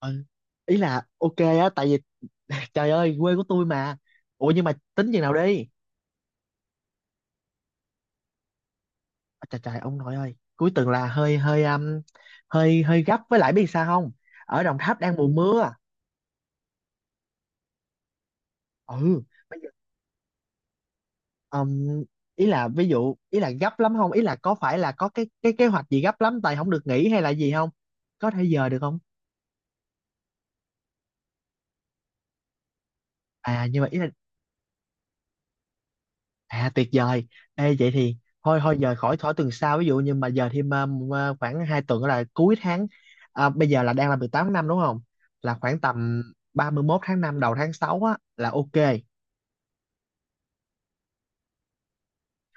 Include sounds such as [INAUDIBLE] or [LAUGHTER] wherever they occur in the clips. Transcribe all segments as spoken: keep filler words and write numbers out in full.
Ừ. Ý là ok á tại vì [LAUGHS] trời ơi quê của tôi mà ủa nhưng mà tính chừng nào đi. À, trời trời ông nội ơi cuối tuần là hơi hơi um, hơi hơi gấp với lại biết sao không, ở Đồng Tháp đang mùa mưa. Ừ, bây giờ, um, ý là ví dụ ý là gấp lắm không, ý là có phải là có cái cái kế hoạch gì gấp lắm tại không được nghỉ hay là gì không, có thể giờ được không? À nhưng mà ý là. À tuyệt vời. Ê vậy thì thôi thôi giờ khỏi khỏi tuần sau ví dụ, nhưng mà giờ thêm um, à, khoảng hai tuần là cuối tháng. À, bây giờ là đang là mười tám tháng năm đúng không? Là khoảng tầm ba mươi mốt tháng năm đầu tháng sáu á là ok.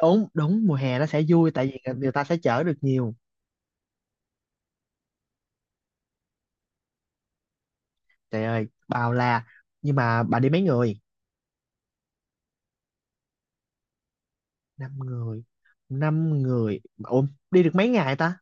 Đúng đúng, mùa hè nó sẽ vui tại vì người ta sẽ chở được nhiều. Trời ơi, bao la. Nhưng mà bà đi mấy người? Năm người. Năm người. Ủa đi được mấy ngày ta?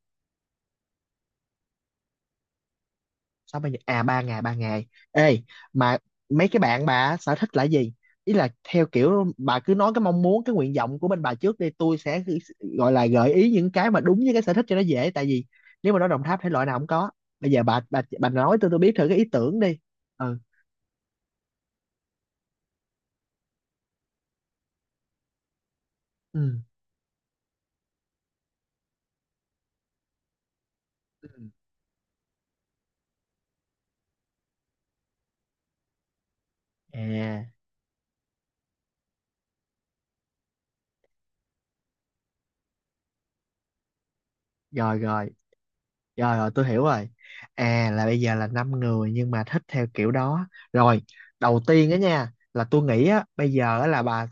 Sáu ba giờ à, ba ngày ba ngày. Ê mà mấy cái bạn bà á, sở thích là gì? Ý là theo kiểu bà cứ nói cái mong muốn, cái nguyện vọng của bên bà trước đi, tôi sẽ cứ gọi là gợi ý những cái mà đúng với cái sở thích cho nó dễ, tại vì nếu mà nói Đồng Tháp thể loại nào cũng có. Bây giờ bà bà bà nói tôi tôi biết thử cái ý tưởng đi. Ừ. Ừ. Ừ. À. rồi rồi rồi rồi tôi hiểu rồi. À là bây giờ là năm người nhưng mà thích theo kiểu đó. Rồi đầu tiên á nha, là tôi nghĩ á, bây giờ á là bà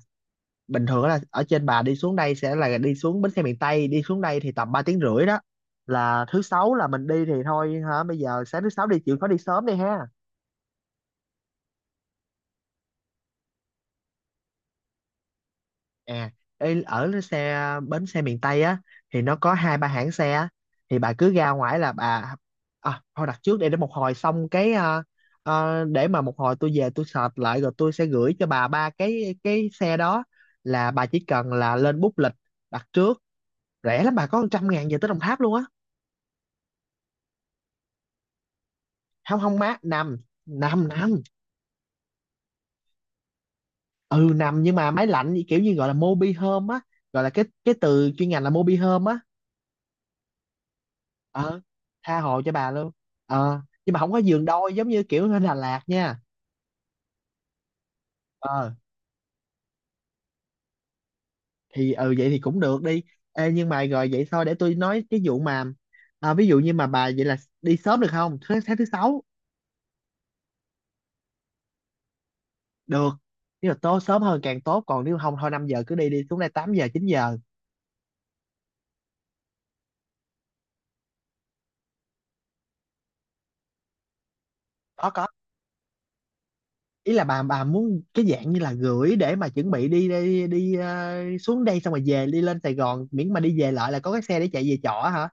bình thường là ở trên, bà đi xuống đây sẽ là đi xuống bến xe miền Tây, đi xuống đây thì tầm ba tiếng rưỡi đó. Là thứ sáu là mình đi thì thôi hả, bây giờ sáng thứ sáu đi, chịu khó đi sớm đi ha. À ê, ở xe bến xe miền Tây á thì nó có hai ba hãng xe á. Thì bà cứ ra ngoài là bà, à, thôi đặt trước, để để một hồi xong cái, à, à, để mà một hồi tôi về tôi search lại rồi tôi sẽ gửi cho bà ba cái cái xe đó, là bà chỉ cần là lên book lịch đặt trước. Rẻ lắm bà, có một trăm ngàn về tới Đồng Tháp luôn á. Không không má, nằm nằm nằm. Ừ nằm, nhưng mà máy lạnh như kiểu như gọi là mobi home á, gọi là cái cái từ chuyên ngành là mobi home á. Ờ tha hồ cho bà luôn. Ờ nhưng mà không có giường đôi giống như kiểu ở Đà Lạt nha. Ờ thì ừ vậy thì cũng được đi. Ê, nhưng mà rồi vậy thôi để tôi nói cái vụ mà, à, ví dụ như mà bà vậy là đi sớm được không thứ sáng thứ sáu? Được, nếu mà tối sớm hơn càng tốt, còn nếu không thôi năm giờ cứ đi, đi xuống đây tám giờ chín giờ. có có ý là bà bà muốn cái dạng như là gửi để mà chuẩn bị đi đi đi ờ, xuống đây xong rồi về đi lên Sài Gòn, miễn mà đi về lại là có cái xe để chạy về trọ hả.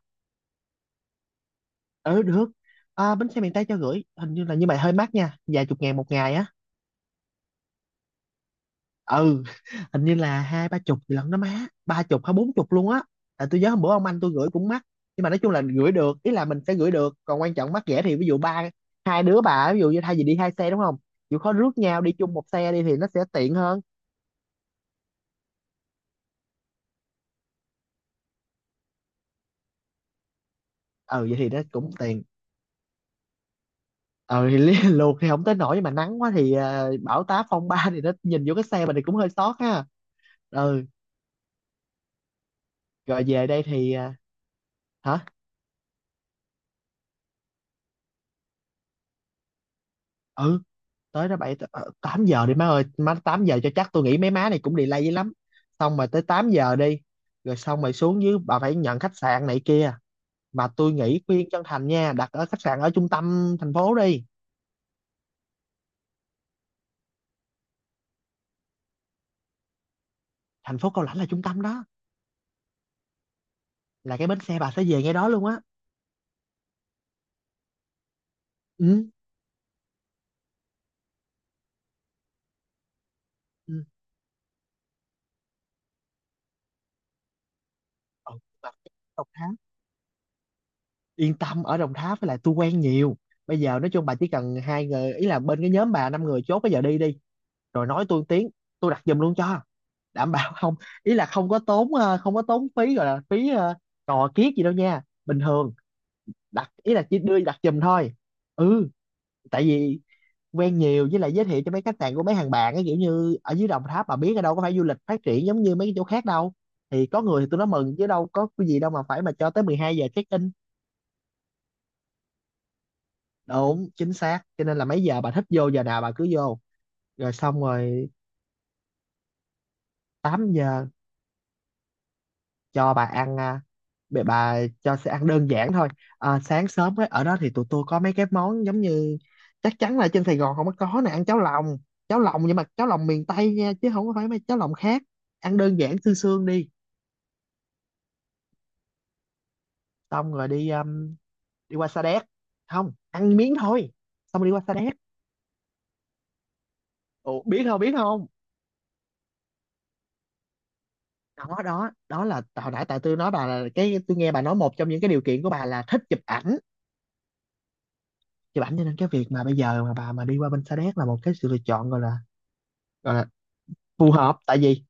Ừ được. À, bến xe miền Tây cho gửi hình như là, nhưng mà hơi mắc nha, vài chục ngàn một ngày á. Ừ [LAUGHS] hình như là hai ba chục gì lận đó má, ba chục hay bốn chục luôn á, tại tôi nhớ hôm bữa ông anh tôi gửi cũng mắc. Nhưng mà nói chung là gửi được, ý là mình sẽ gửi được, còn quan trọng mắc rẻ thì ví dụ ba hai đứa bà, ví dụ như thay vì đi hai xe đúng không, chịu khó rước nhau đi chung một xe đi thì nó sẽ tiện hơn. Ừ vậy thì nó cũng tiền. ờ thì lý- [LAUGHS] luộc thì không tới nổi, nhưng mà nắng quá thì à, bão táp phong ba thì nó nhìn vô cái xe mình thì cũng hơi sót ha. Ừ rồi về đây thì à, hả. Ừ, tới đó bảy ờ, tám giờ đi má ơi, má tám giờ cho chắc, tôi nghĩ mấy má này cũng delay dữ lắm, xong mà tới tám giờ đi. Rồi xong rồi xuống dưới bà phải nhận khách sạn này kia, mà tôi nghĩ khuyên chân thành nha, đặt ở khách sạn ở trung tâm thành phố đi. Thành phố Cao Lãnh là trung tâm đó, là cái bến xe bà sẽ về ngay đó luôn á. Ừ. Ừ. Ừ, mà yên tâm, ở Đồng Tháp với lại tôi quen nhiều. Bây giờ nói chung bà chỉ cần hai người, ý là bên cái nhóm bà năm người chốt bây giờ đi đi, rồi nói tôi một tiếng, tôi đặt giùm luôn cho, đảm bảo [LAUGHS] không, ý là không có tốn ờ, không có tốn phí gọi là phí ờ, cò kiết gì đâu nha, bình thường đặt ý là chỉ đưa đặt giùm thôi. Ừ, tại vì quen nhiều, với lại giới thiệu cho mấy khách sạn của mấy hàng bạn ấy, kiểu như ở dưới Đồng Tháp bà biết, ở đâu có phải du lịch phát triển giống như mấy cái chỗ khác đâu, thì có người thì tôi nói mừng chứ đâu có cái gì đâu mà phải mà cho tới mười hai giờ check in. Đúng chính xác, cho nên là mấy giờ bà thích vô giờ nào bà cứ vô. Rồi xong rồi, tám giờ cho bà ăn à, bà, bà cho sẽ ăn đơn giản thôi. À, sáng sớm ấy, ở đó thì tụi tôi có mấy cái món giống như chắc chắn là trên Sài Gòn không có có nè, ăn cháo lòng. Cháo lòng nhưng mà cháo lòng miền Tây nha, chứ không có phải mấy cháo lòng khác. Ăn đơn giản xương xương đi. Xong rồi đi um, đi qua Sa Đéc, không ăn miếng thôi, xong rồi đi qua Sa Đéc. Ủa, biết không biết không? Đó đó, đó là hồi nãy tại tôi nói bà, là cái tôi nghe bà nói một trong những cái điều kiện của bà là thích chụp ảnh, chụp ảnh, cho nên cái việc mà bây giờ mà bà mà đi qua bên Sa Đéc là một cái sự lựa chọn gọi là gọi là phù hợp. Tại vì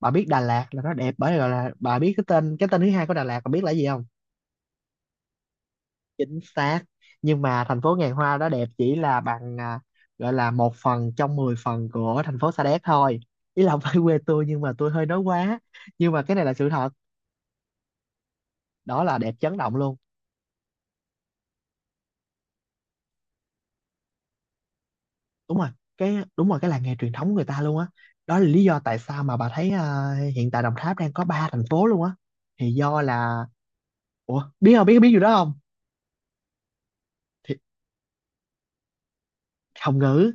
bà biết Đà Lạt là nó đẹp bởi vì gọi là, bà biết cái tên cái tên thứ hai của Đà Lạt, bà biết là gì không? Chính xác. Nhưng mà thành phố ngàn hoa đó đẹp chỉ là bằng à, gọi là một phần trong mười phần của thành phố Sa Đéc thôi, ý là không phải quê tôi nhưng mà tôi hơi nói quá, nhưng mà cái này là sự thật. Đó là đẹp chấn động luôn. Đúng rồi, cái đúng rồi, cái làng nghề truyền thống của người ta luôn á. Đó là lý do tại sao mà bà thấy à, hiện tại Đồng Tháp đang có ba thành phố luôn á, thì do là, ủa biết không, biết biết gì đó không? Thì Hồng Ngự.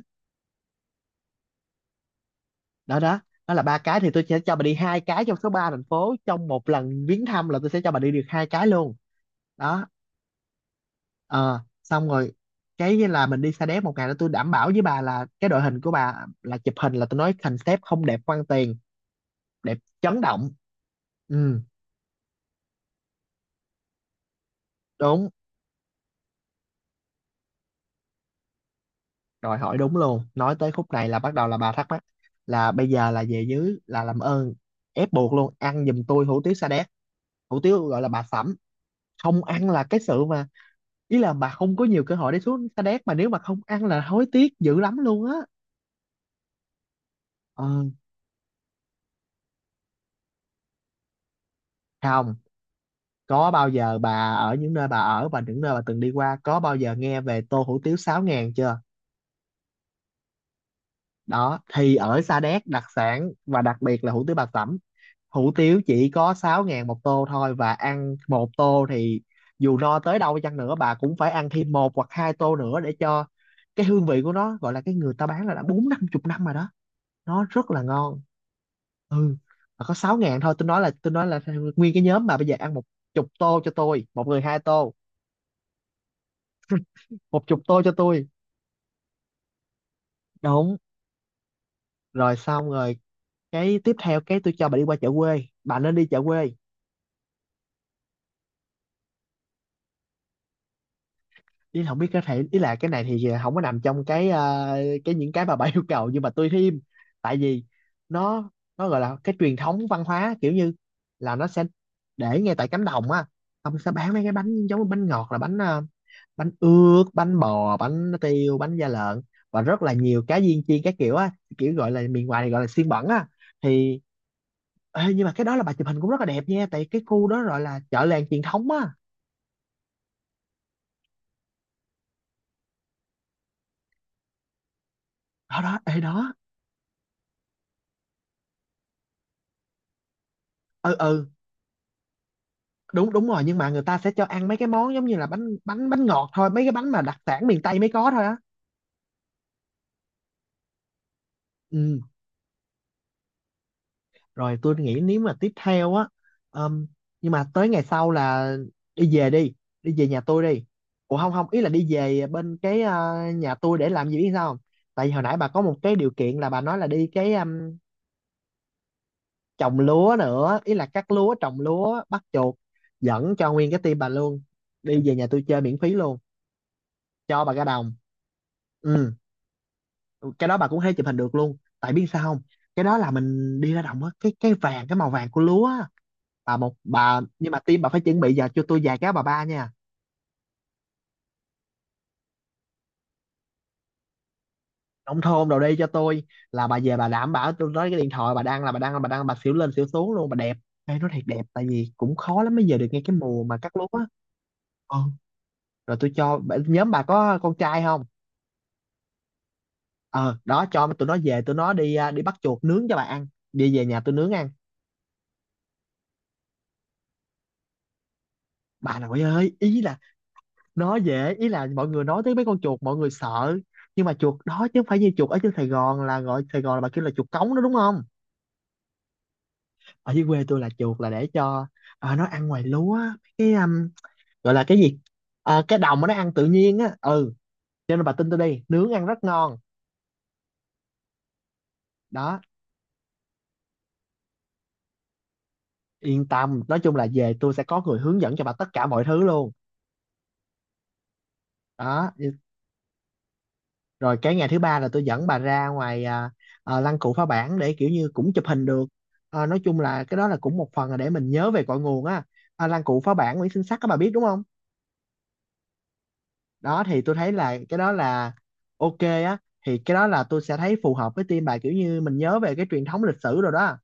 Đó đó, đó là ba cái, thì tôi sẽ cho bà đi hai cái trong số ba thành phố, trong một lần viếng thăm là tôi sẽ cho bà đi được hai cái luôn. Đó. Ờ xong rồi cái là mình đi Sa Đéc một ngày đó, tôi đảm bảo với bà là cái đội hình của bà là chụp hình, là tôi nói concept không đẹp quan tiền, đẹp chấn động. Ừ đúng. Rồi hỏi đúng luôn, nói tới khúc này là bắt đầu là bà thắc mắc, là bây giờ là về dưới là làm ơn ép buộc luôn, ăn giùm tôi hủ tiếu sa đéc, hủ tiếu gọi là bà sẩm, không ăn là cái sự mà, ý là bà không có nhiều cơ hội để xuống sa đéc, mà nếu mà không ăn là hối tiếc dữ lắm luôn á. Ờ, không, có bao giờ bà ở những nơi bà ở và những nơi bà từng đi qua có bao giờ nghe về tô hủ tiếu sáu ngàn chưa? Đó, thì ở Sa Đéc đặc sản và đặc biệt là hủ tiếu bà sẩm, hủ tiếu chỉ có sáu ngàn một tô thôi, và ăn một tô thì dù no tới đâu chăng nữa bà cũng phải ăn thêm một hoặc hai tô nữa để cho cái hương vị của nó, gọi là cái người ta bán là đã bốn năm chục năm rồi đó, nó rất là ngon. Ừ, mà có sáu ngàn thôi. Tôi nói là tôi nói là nguyên cái nhóm mà bây giờ ăn một chục tô cho tôi, một người hai tô, một chục tô cho tôi, đúng. Rồi, xong rồi, cái tiếp theo cái tôi cho bà đi qua chợ quê, bà nên đi chợ quê. Ý là không biết có thể, ý là cái này thì không có nằm trong cái ờ, cái những cái mà bà [LAUGHS] yêu cầu, nhưng mà tôi thêm. Tại vì nó nó gọi là cái truyền thống văn hóa, kiểu như là nó sẽ để ngay tại cánh đồng á, ông sẽ bán mấy cái bánh giống như bánh ngọt, là bánh ờ, bánh ướt, bánh bò, bánh tiêu, bánh da lợn, và rất là nhiều cá viên chiên các kiểu á, kiểu gọi là miền ngoài thì gọi là xiên bẩn á. Thì ê, nhưng mà cái đó là bà chụp hình cũng rất là đẹp nha, tại cái khu đó gọi là chợ làng truyền thống á. Đó đó, ê đó. Ừ, ừ. Đúng, đúng rồi, nhưng mà người ta sẽ cho ăn mấy cái món giống như là bánh bánh bánh ngọt thôi, mấy cái bánh mà đặc sản miền Tây mới có thôi á. Ừ. Rồi tôi nghĩ nếu mà tiếp theo á, ừm, nhưng mà tới ngày sau là đi về đi đi về nhà tôi đi. Ủa, không không, ý là đi về bên cái ờ, nhà tôi để làm gì biết sao không? Tại vì hồi nãy bà có một cái điều kiện là bà nói là đi cái ừm, trồng lúa nữa, ý là cắt lúa, trồng lúa, bắt chuột, dẫn cho nguyên cái team bà luôn, đi về nhà tôi chơi miễn phí luôn, cho bà cả đồng. Ừ, cái đó bà cũng hay chụp hình được luôn, tại biết sao không, cái đó là mình đi ra đồng á, cái cái vàng, cái màu vàng của lúa á. Bà một bà, nhưng mà tim bà phải chuẩn bị giờ cho tôi vài cái bà ba nha, nông thôn đồ đi cho tôi. Là bà về, bà đảm bảo, tôi nói cái điện thoại bà đang là bà đang là bà đang bà xỉu lên xỉu xuống luôn, bà đẹp. Ê, nó thiệt đẹp tại vì cũng khó lắm mới về được ngay cái mùa mà cắt lúa á. ờ Rồi tôi cho bà- nhóm bà có con trai không? Ờ, đó cho tụi nó về, tụi nó đi à, đi bắt chuột nướng cho bà ăn, đi về nhà tôi nướng ăn. Bà nội ơi, ý là nó dễ, ý là mọi người nói tới mấy con chuột mọi người sợ, nhưng mà chuột đó chứ không phải như chuột ở trên Sài Gòn, là gọi Sài Gòn là bà kêu là chuột cống đó đúng không? Ở dưới quê tôi là chuột là để cho ờ, nó ăn ngoài lúa á, cái um, gọi là cái gì, ờ, cái đồng mà nó ăn tự nhiên á. Ừ, cho nên bà tin tôi đi, nướng ăn rất ngon đó. Yên tâm, nói chung là về tôi sẽ có người hướng dẫn cho bà tất cả mọi thứ luôn đó. Rồi cái ngày thứ ba là tôi dẫn bà ra ngoài à, à, lăng cụ phá bản, để kiểu như cũng chụp hình được. Ờ, nói chung là cái đó là cũng một phần là để mình nhớ về cội nguồn á, à, lăng cụ phá bản Nguyễn Sinh Sắc các bà biết đúng không? Đó, thì tôi thấy là cái đó là ok á, thì cái đó là tôi sẽ thấy phù hợp với team bà, kiểu như mình nhớ về cái truyền thống lịch sử rồi đó.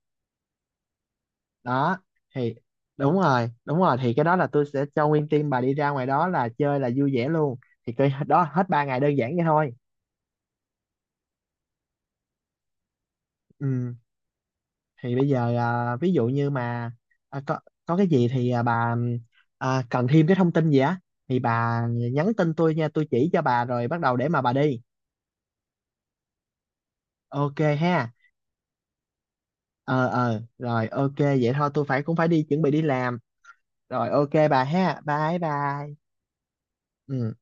Đó thì, đúng rồi đúng rồi, thì cái đó là tôi sẽ cho nguyên team bà đi ra ngoài đó là chơi là vui vẻ luôn. Thì cái đó hết ba ngày, đơn giản vậy thôi. Ừ, thì bây giờ à, ví dụ như mà à, có có cái gì thì à, bà à, cần thêm cái thông tin gì á thì bà nhắn tin tôi nha, tôi chỉ cho bà rồi bắt đầu để mà bà đi, ok ha. Ờ ờ, rồi ok, vậy thôi tôi phải cũng phải đi chuẩn bị đi làm, rồi ok bà ha, bye bye. Ừ.